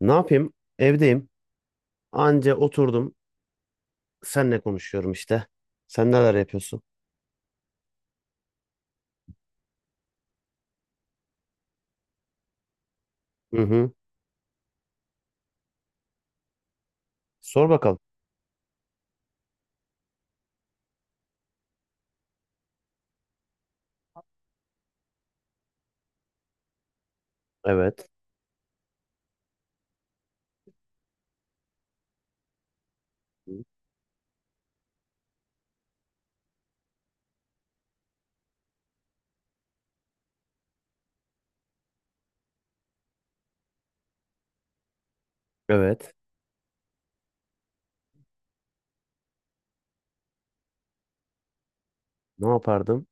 Ne yapayım? Evdeyim. Anca oturdum. Senle konuşuyorum işte. Sen neler yapıyorsun? Hı hı. Sor bakalım. Evet. Evet. Ne yapardım?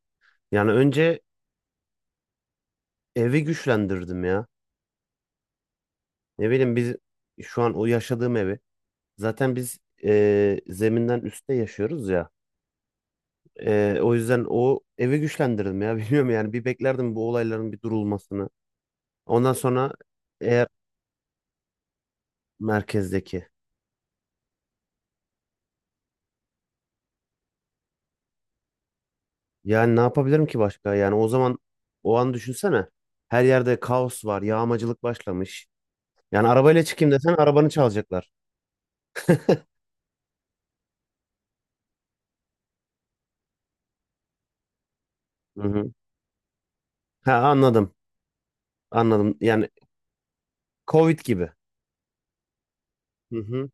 Yani önce evi güçlendirdim ya. Ne bileyim biz şu an o yaşadığım evi. Zaten biz zeminden üstte yaşıyoruz ya. O yüzden o evi güçlendirdim ya. Bilmiyorum yani bir beklerdim bu olayların bir durulmasını. Ondan sonra eğer merkezdeki. Yani ne yapabilirim ki başka? Yani o zaman o an düşünsene. Her yerde kaos var, yağmacılık başlamış. Yani arabayla çıkayım desen arabanı çalacaklar. Hı hı. Ha anladım. Anladım. Yani Covid gibi. Hı hı.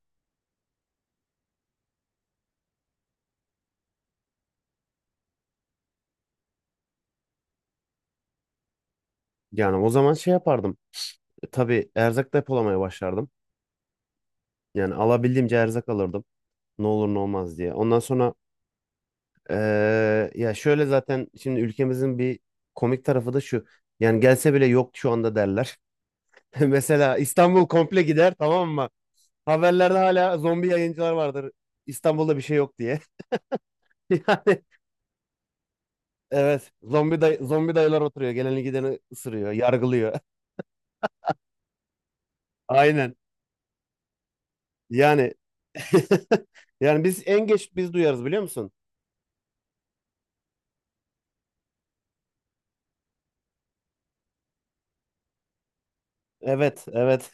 Yani o zaman şey yapardım. Tabii erzak depolamaya başlardım. Yani alabildiğimce erzak alırdım. Ne olur ne olmaz diye. Ondan sonra ya şöyle zaten şimdi ülkemizin bir komik tarafı da şu. Yani gelse bile yok şu anda derler. Mesela İstanbul komple gider, tamam mı? Haberlerde hala zombi yayıncılar vardır. İstanbul'da bir şey yok diye. Yani evet. Zombi dayılar oturuyor. Geleni gideni ısırıyor, yargılıyor. Aynen. Yani yani biz en geç biz duyarız biliyor musun? Evet, evet.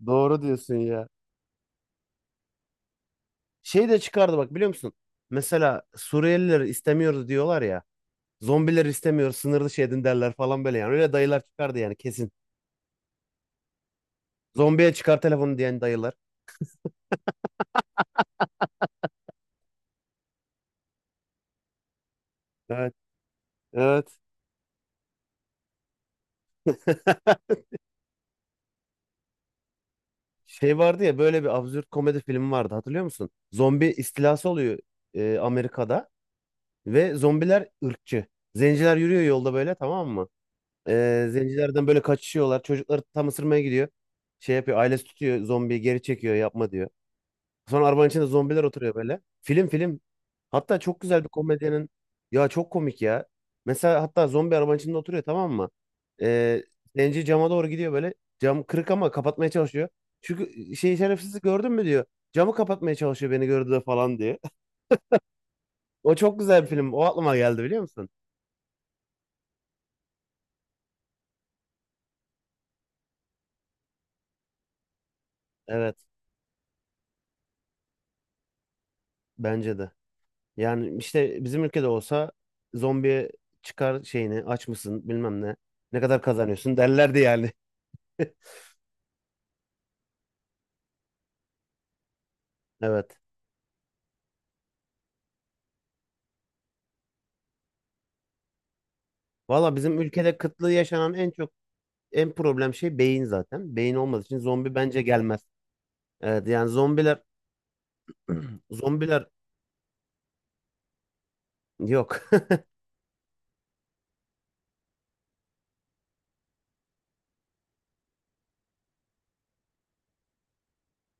Doğru diyorsun ya. Şey de çıkardı, bak biliyor musun? Mesela Suriyelileri istemiyoruz diyorlar ya. Zombileri istemiyoruz, sınır dışı edin derler falan böyle yani. Öyle dayılar çıkardı yani kesin. Zombiye çıkar telefonu diyen dayılar. Evet, evet. Şey vardı ya, böyle bir absürt komedi filmi vardı, hatırlıyor musun? Zombi istilası oluyor Amerika'da ve zombiler ırkçı. Zenciler yürüyor yolda böyle, tamam mı? Zencilerden böyle kaçışıyorlar. Çocukları tam ısırmaya gidiyor. Şey yapıyor, ailesi tutuyor zombiyi geri çekiyor, yapma diyor. Sonra arabanın içinde zombiler oturuyor böyle. Film. Hatta çok güzel bir komedyenin. Ya çok komik ya. Mesela hatta zombi arabanın içinde oturuyor, tamam mı? Ee, Zenci cama doğru gidiyor böyle. Cam kırık ama kapatmaya çalışıyor. Çünkü şey, şerefsizi gördün mü diyor. Camı kapatmaya çalışıyor, beni gördü de falan diyor. O çok güzel bir film. O aklıma geldi, biliyor musun? Evet, bence de. Yani işte bizim ülkede olsa, zombiye çıkar şeyini aç mısın bilmem ne. Ne kadar kazanıyorsun derlerdi yani. Evet. Valla bizim ülkede kıtlığı yaşanan en problem şey beyin zaten. Beyin olmadığı için zombi bence gelmez. Evet, yani zombiler zombiler yok.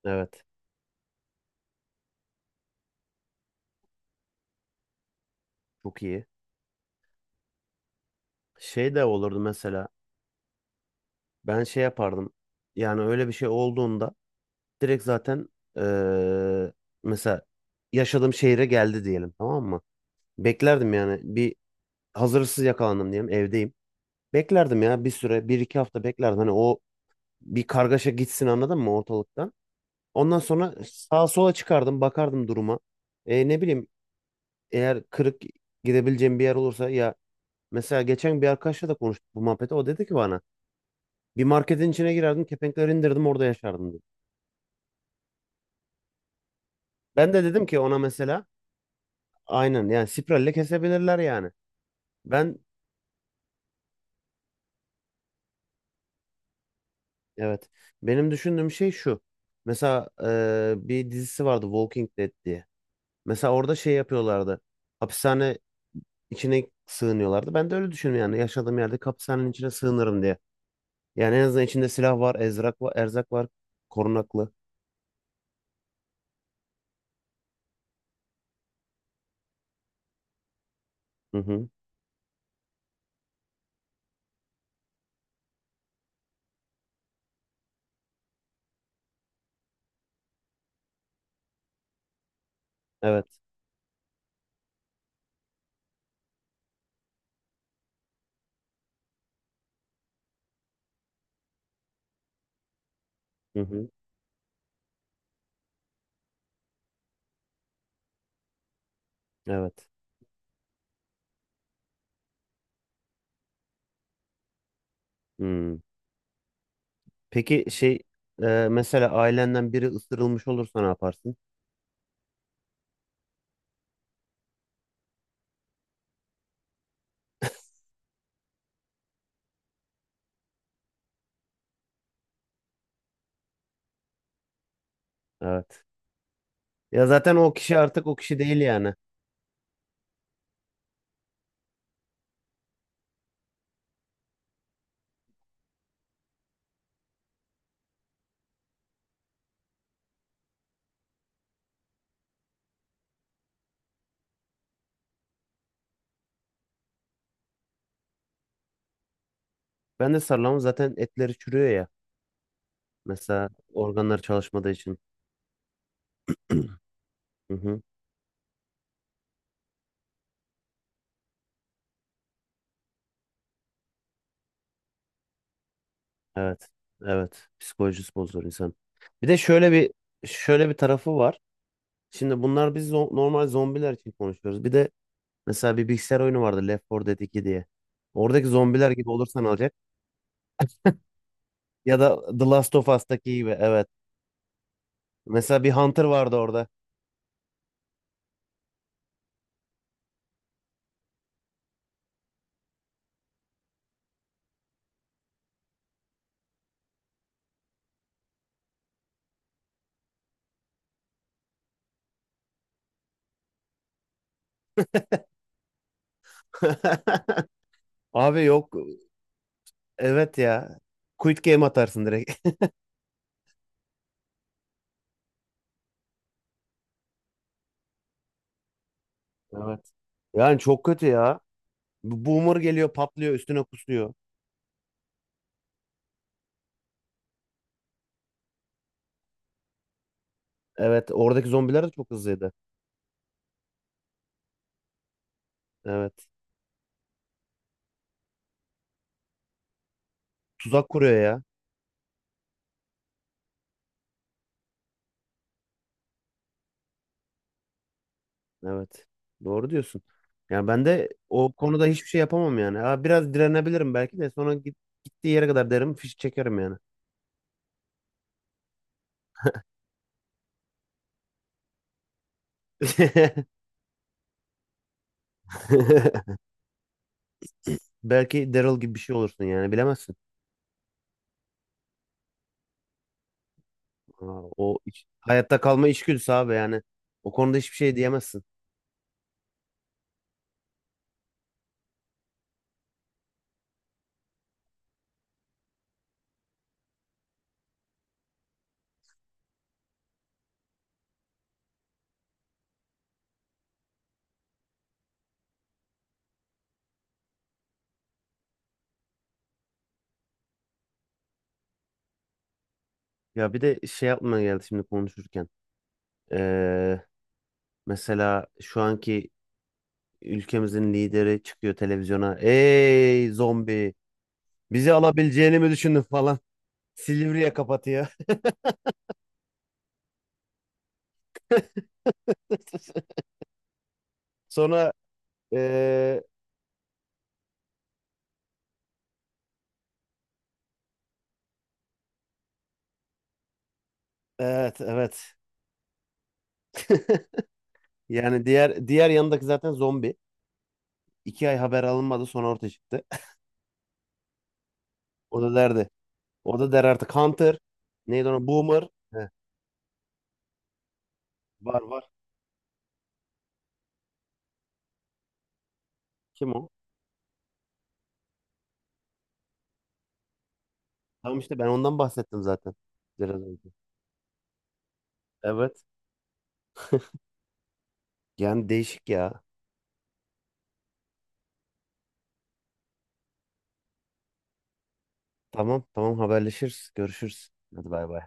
Evet, çok iyi. Şey de olurdu mesela, ben şey yapardım. Yani öyle bir şey olduğunda direkt zaten eee, mesela yaşadığım şehre geldi diyelim, tamam mı? Beklerdim yani bir, hazırsız yakalandım diyelim, evdeyim. Beklerdim ya bir süre, bir iki hafta beklerdim. Hani o bir kargaşa gitsin, anladın mı, ortalıkta? Ondan sonra sağa sola çıkardım, bakardım duruma. Ne bileyim eğer kırık gidebileceğim bir yer olursa ya, mesela geçen bir arkadaşla da konuştuk bu muhabbeti. O dedi ki bana, bir marketin içine girerdim, kepenkleri indirdim, orada yaşardım dedi. Ben de dedim ki ona mesela, aynen yani spiralle kesebilirler yani. Ben evet, benim düşündüğüm şey şu. Mesela bir dizisi vardı, Walking Dead diye. Mesela orada şey yapıyorlardı. Hapishane içine sığınıyorlardı. Ben de öyle düşünüyorum yani, yaşadığım yerde hapishanenin içine sığınırım diye. Yani en azından içinde silah var, ezrak var, erzak var, korunaklı. Hı hı. Evet. Hı hı. Evet. Hmm. Peki şey, mesela ailenden biri ısırılmış olursa ne yaparsın? Evet. Ya zaten o kişi artık o kişi değil yani. Ben de sarılamam, zaten etleri çürüyor ya. Mesela organları çalışmadığı için. Hı hı. Evet. Evet. Psikolojisi bozulur insan. Bir de şöyle bir tarafı var. Şimdi bunlar, biz normal zombiler için konuşuyoruz. Bir de mesela bir bilgisayar oyunu vardı, Left 4 Dead 2 diye. Oradaki zombiler gibi olursan alacak. Ya da The Last of Us'taki gibi, evet. Mesela bir Hunter vardı orada. Abi yok, evet ya. Quit game atarsın direkt. Evet. Yani çok kötü ya. Bu Boomer geliyor, patlıyor, üstüne kusuyor. Evet, oradaki zombiler de çok hızlıydı. Evet. Tuzak kuruyor ya. Evet. Doğru diyorsun. Yani ben de o konuda hiçbir şey yapamam yani. Ha, biraz direnebilirim, belki de sonra git, gittiği yere kadar derim, fişi çekerim yani. Belki Daryl gibi bir şey olursun yani, bilemezsin. Aa, o hayatta kalma içgüdüsü abi yani. O konuda hiçbir şey diyemezsin. Ya bir de şey yapmaya geldi şimdi konuşurken. Ee, Mesela şu anki ülkemizin lideri çıkıyor televizyona. Ey zombi, bizi alabileceğini mi düşündün falan. Silivri'ye kapatıyor. Sonra ee, evet, evet. Yani diğer yanındaki zaten zombi. İki ay haber alınmadı, sonra ortaya çıktı. O da derdi. O da der artık Hunter. Neydi ona? Boomer. Heh, var var. Kim o? Tamam işte, ben ondan bahsettim zaten. Biraz önce. Evet. Yani değişik ya. Tamam tamam, haberleşiriz. Görüşürüz. Hadi bay bay.